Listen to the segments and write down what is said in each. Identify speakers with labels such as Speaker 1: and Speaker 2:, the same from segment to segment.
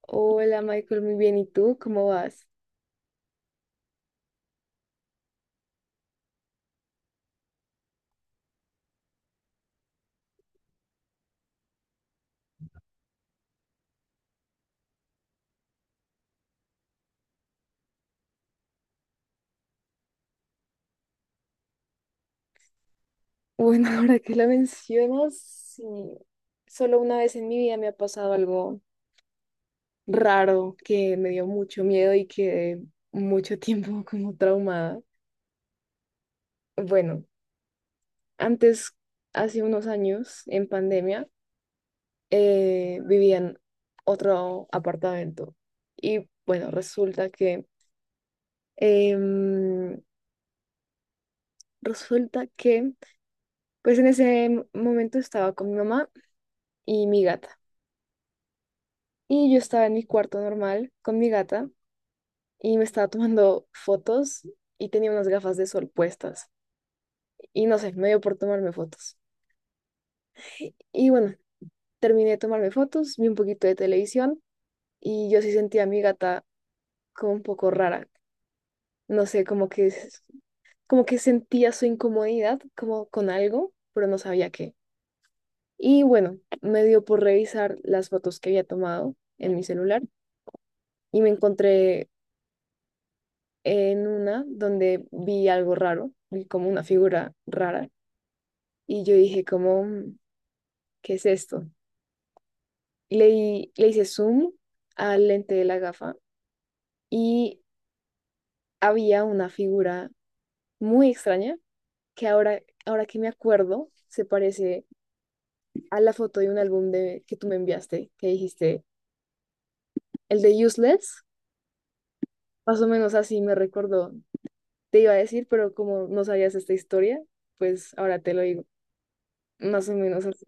Speaker 1: Hola Michael, muy bien. ¿Y tú? ¿Cómo vas? Bueno, ahora que lo mencionas, sí. Solo una vez en mi vida me ha pasado algo raro que me dio mucho miedo y quedé mucho tiempo como traumada. Bueno, antes, hace unos años, en pandemia, vivía en otro apartamento. Y bueno, resulta que, em, resulta que, pues en ese momento estaba con mi mamá y mi gata. Y yo estaba en mi cuarto normal con mi gata y me estaba tomando fotos y tenía unas gafas de sol puestas. Y no sé, me dio por tomarme fotos. Y bueno, terminé de tomarme fotos, vi un poquito de televisión y yo sí sentía a mi gata como un poco rara. No sé, como que, como que sentía su incomodidad como con algo, pero no sabía qué. Y bueno, me dio por revisar las fotos que había tomado en mi celular y me encontré en una donde vi algo raro, vi como una figura rara y yo dije como, "Mm, ¿qué es esto? Le hice zoom al lente de la gafa y había una figura muy extraña que ahora que me acuerdo se parece a la foto de un álbum de, que tú me enviaste, que dijiste, el de Useless, más o menos así me recordó. Te iba a decir, pero como no sabías esta historia, pues ahora te lo digo, más o menos así.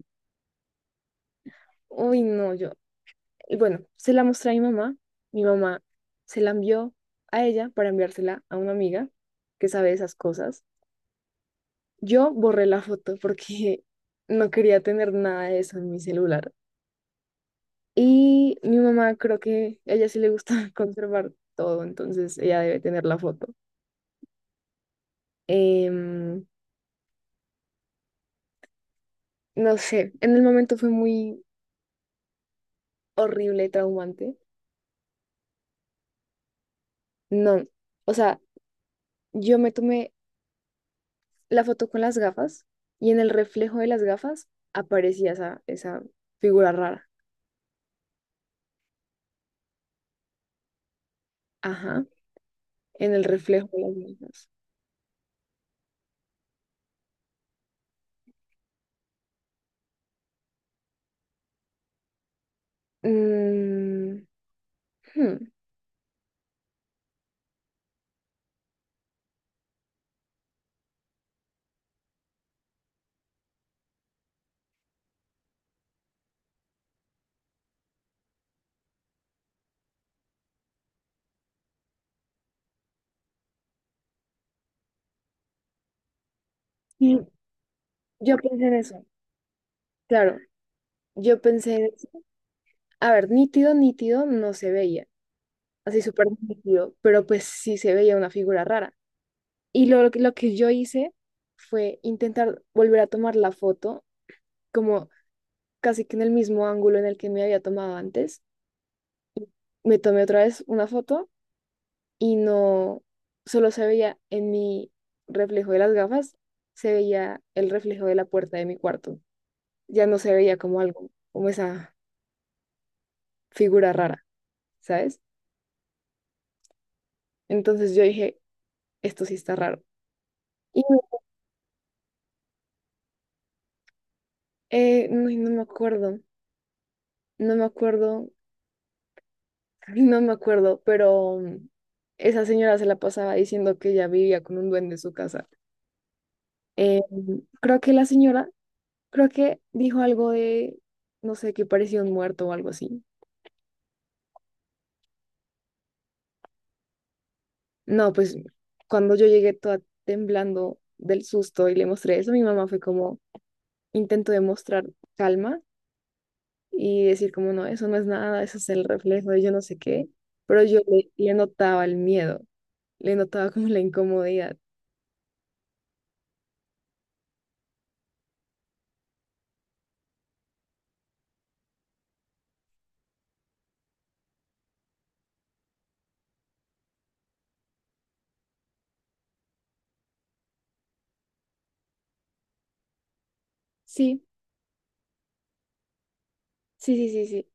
Speaker 1: Uy, no, yo y bueno, se la mostré a mi mamá. Mi mamá se la envió a ella para enviársela a una amiga que sabe esas cosas. Yo borré la foto porque no quería tener nada de eso en mi celular. Y mi mamá creo que a ella sí le gusta conservar todo, entonces ella debe tener la foto. Em, no sé, en el momento fue muy horrible, traumante. No, o sea, yo me tomé la foto con las gafas y en el reflejo de las gafas aparecía esa figura rara. Ajá, en el reflejo de las gafas. Mm, hmm. Y Yo pensé en eso. Claro, yo pensé en eso. A ver, nítido no se veía, así súper nítido, pero pues sí se veía una figura rara. Y lo que yo hice fue intentar volver a tomar la foto como casi que en el mismo ángulo en el que me había tomado antes. Me tomé otra vez una foto y no, solo se veía en mi reflejo de las gafas, se veía el reflejo de la puerta de mi cuarto. Ya no se veía como algo, como esa figura rara, ¿sabes? Entonces yo dije, esto sí está raro. Y no, no, no me acuerdo, no me acuerdo, no me acuerdo, pero mm, esa señora se la pasaba diciendo que ella vivía con un duende en su casa. Eh, creo que la señora, creo que dijo algo de, no sé, que parecía un muerto o algo así. No, pues cuando yo llegué toda temblando del susto y le mostré eso, mi mamá fue como intento demostrar calma y decir como no, eso no es nada, eso es el reflejo de yo no sé qué, pero yo le notaba el miedo, le notaba como la incomodidad. Sí, sí, sí, sí, sí.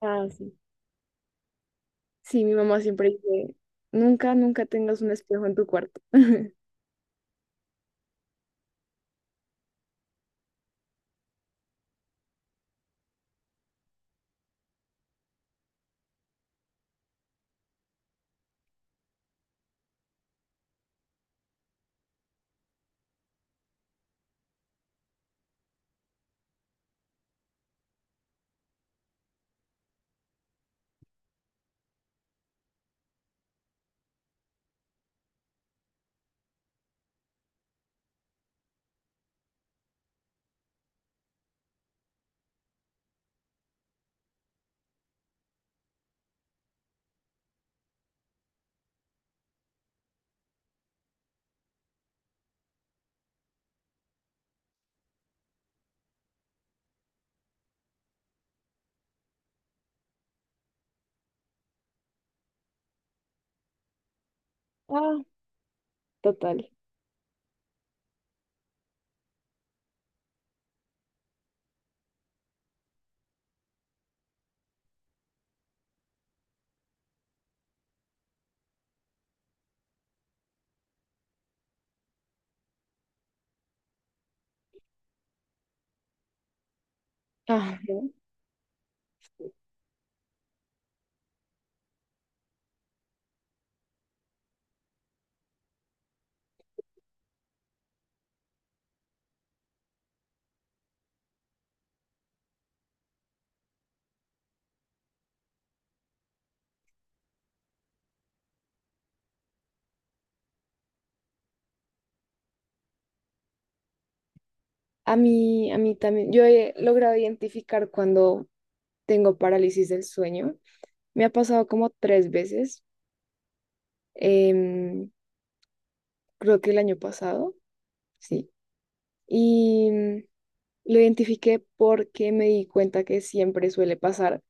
Speaker 1: Ah, sí. Sí, mi mamá siempre dice, nunca, nunca tengas un espejo en tu cuarto. Ah, total. Ah, no. A mí también, yo he logrado identificar cuando tengo parálisis del sueño. Me ha pasado como tres veces, em, creo que el año pasado, sí. Y mm, lo identifiqué porque me di cuenta que siempre suele pasar,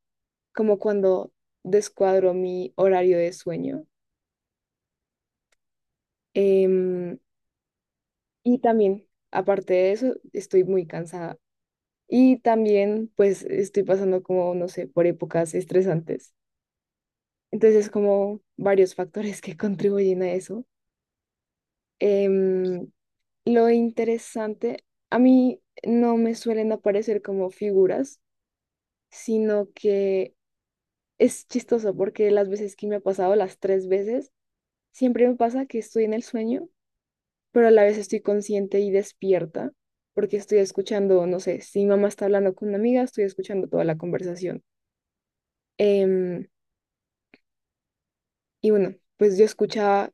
Speaker 1: como cuando descuadro mi horario de sueño. Em, y también, aparte de eso, estoy muy cansada. Y también, pues, estoy pasando como, no sé, por épocas estresantes. Entonces, como varios factores que contribuyen a eso. Em, Lo interesante, a mí no me suelen aparecer como figuras, sino que es chistoso porque las veces que me ha pasado, las tres veces, siempre me pasa que estoy en el sueño, pero a la vez estoy consciente y despierta porque estoy escuchando, no sé, si mi mamá está hablando con una amiga, estoy escuchando toda la conversación. Em, y bueno, pues yo escuchaba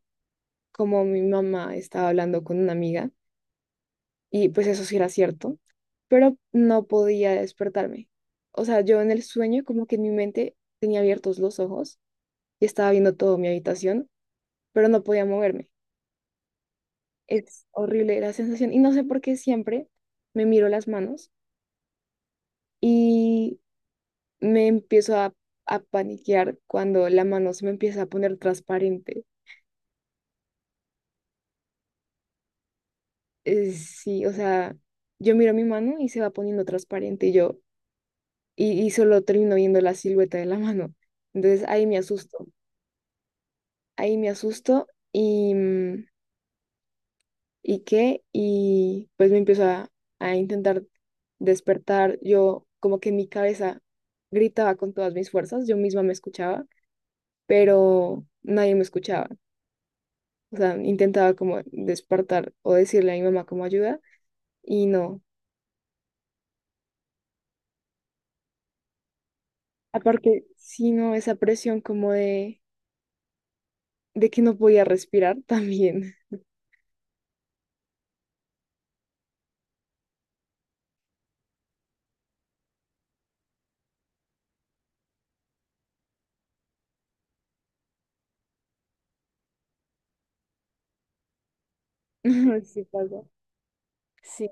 Speaker 1: como mi mamá estaba hablando con una amiga. Y pues eso sí era cierto, pero no podía despertarme. O sea, yo en el sueño como que en mi mente tenía abiertos los ojos y estaba viendo todo mi habitación, pero no podía moverme. Es horrible la sensación y no sé por qué siempre me miro las manos y me empiezo a paniquear cuando la mano se me empieza a poner transparente. Sí, o sea, yo miro mi mano y se va poniendo transparente y, solo termino viendo la silueta de la mano. Entonces ahí me asusto. Ahí me asusto y, mm, ¿y qué? Y pues me empiezo a intentar despertar. Yo como que en mi cabeza gritaba con todas mis fuerzas, yo misma me escuchaba, pero nadie me escuchaba. O sea, intentaba como despertar o decirle a mi mamá como ayuda y no. Aparte, sino esa presión como de que no podía respirar también. Sí pasa. Sí,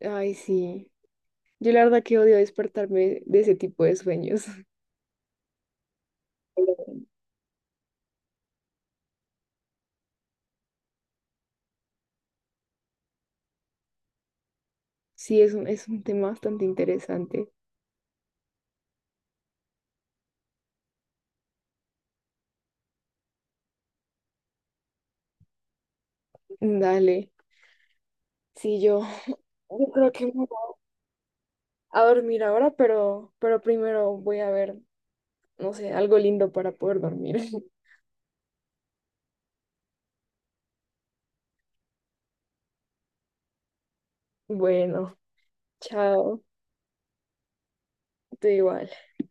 Speaker 1: ay, sí. Yo la verdad que odio despertarme de ese tipo de sueños. Sí, es un tema bastante interesante. Dale. Sí, yo, yo creo que me voy a dormir ahora, pero primero voy a ver, no sé, algo lindo para poder dormir. Bueno, chao. Tú igual.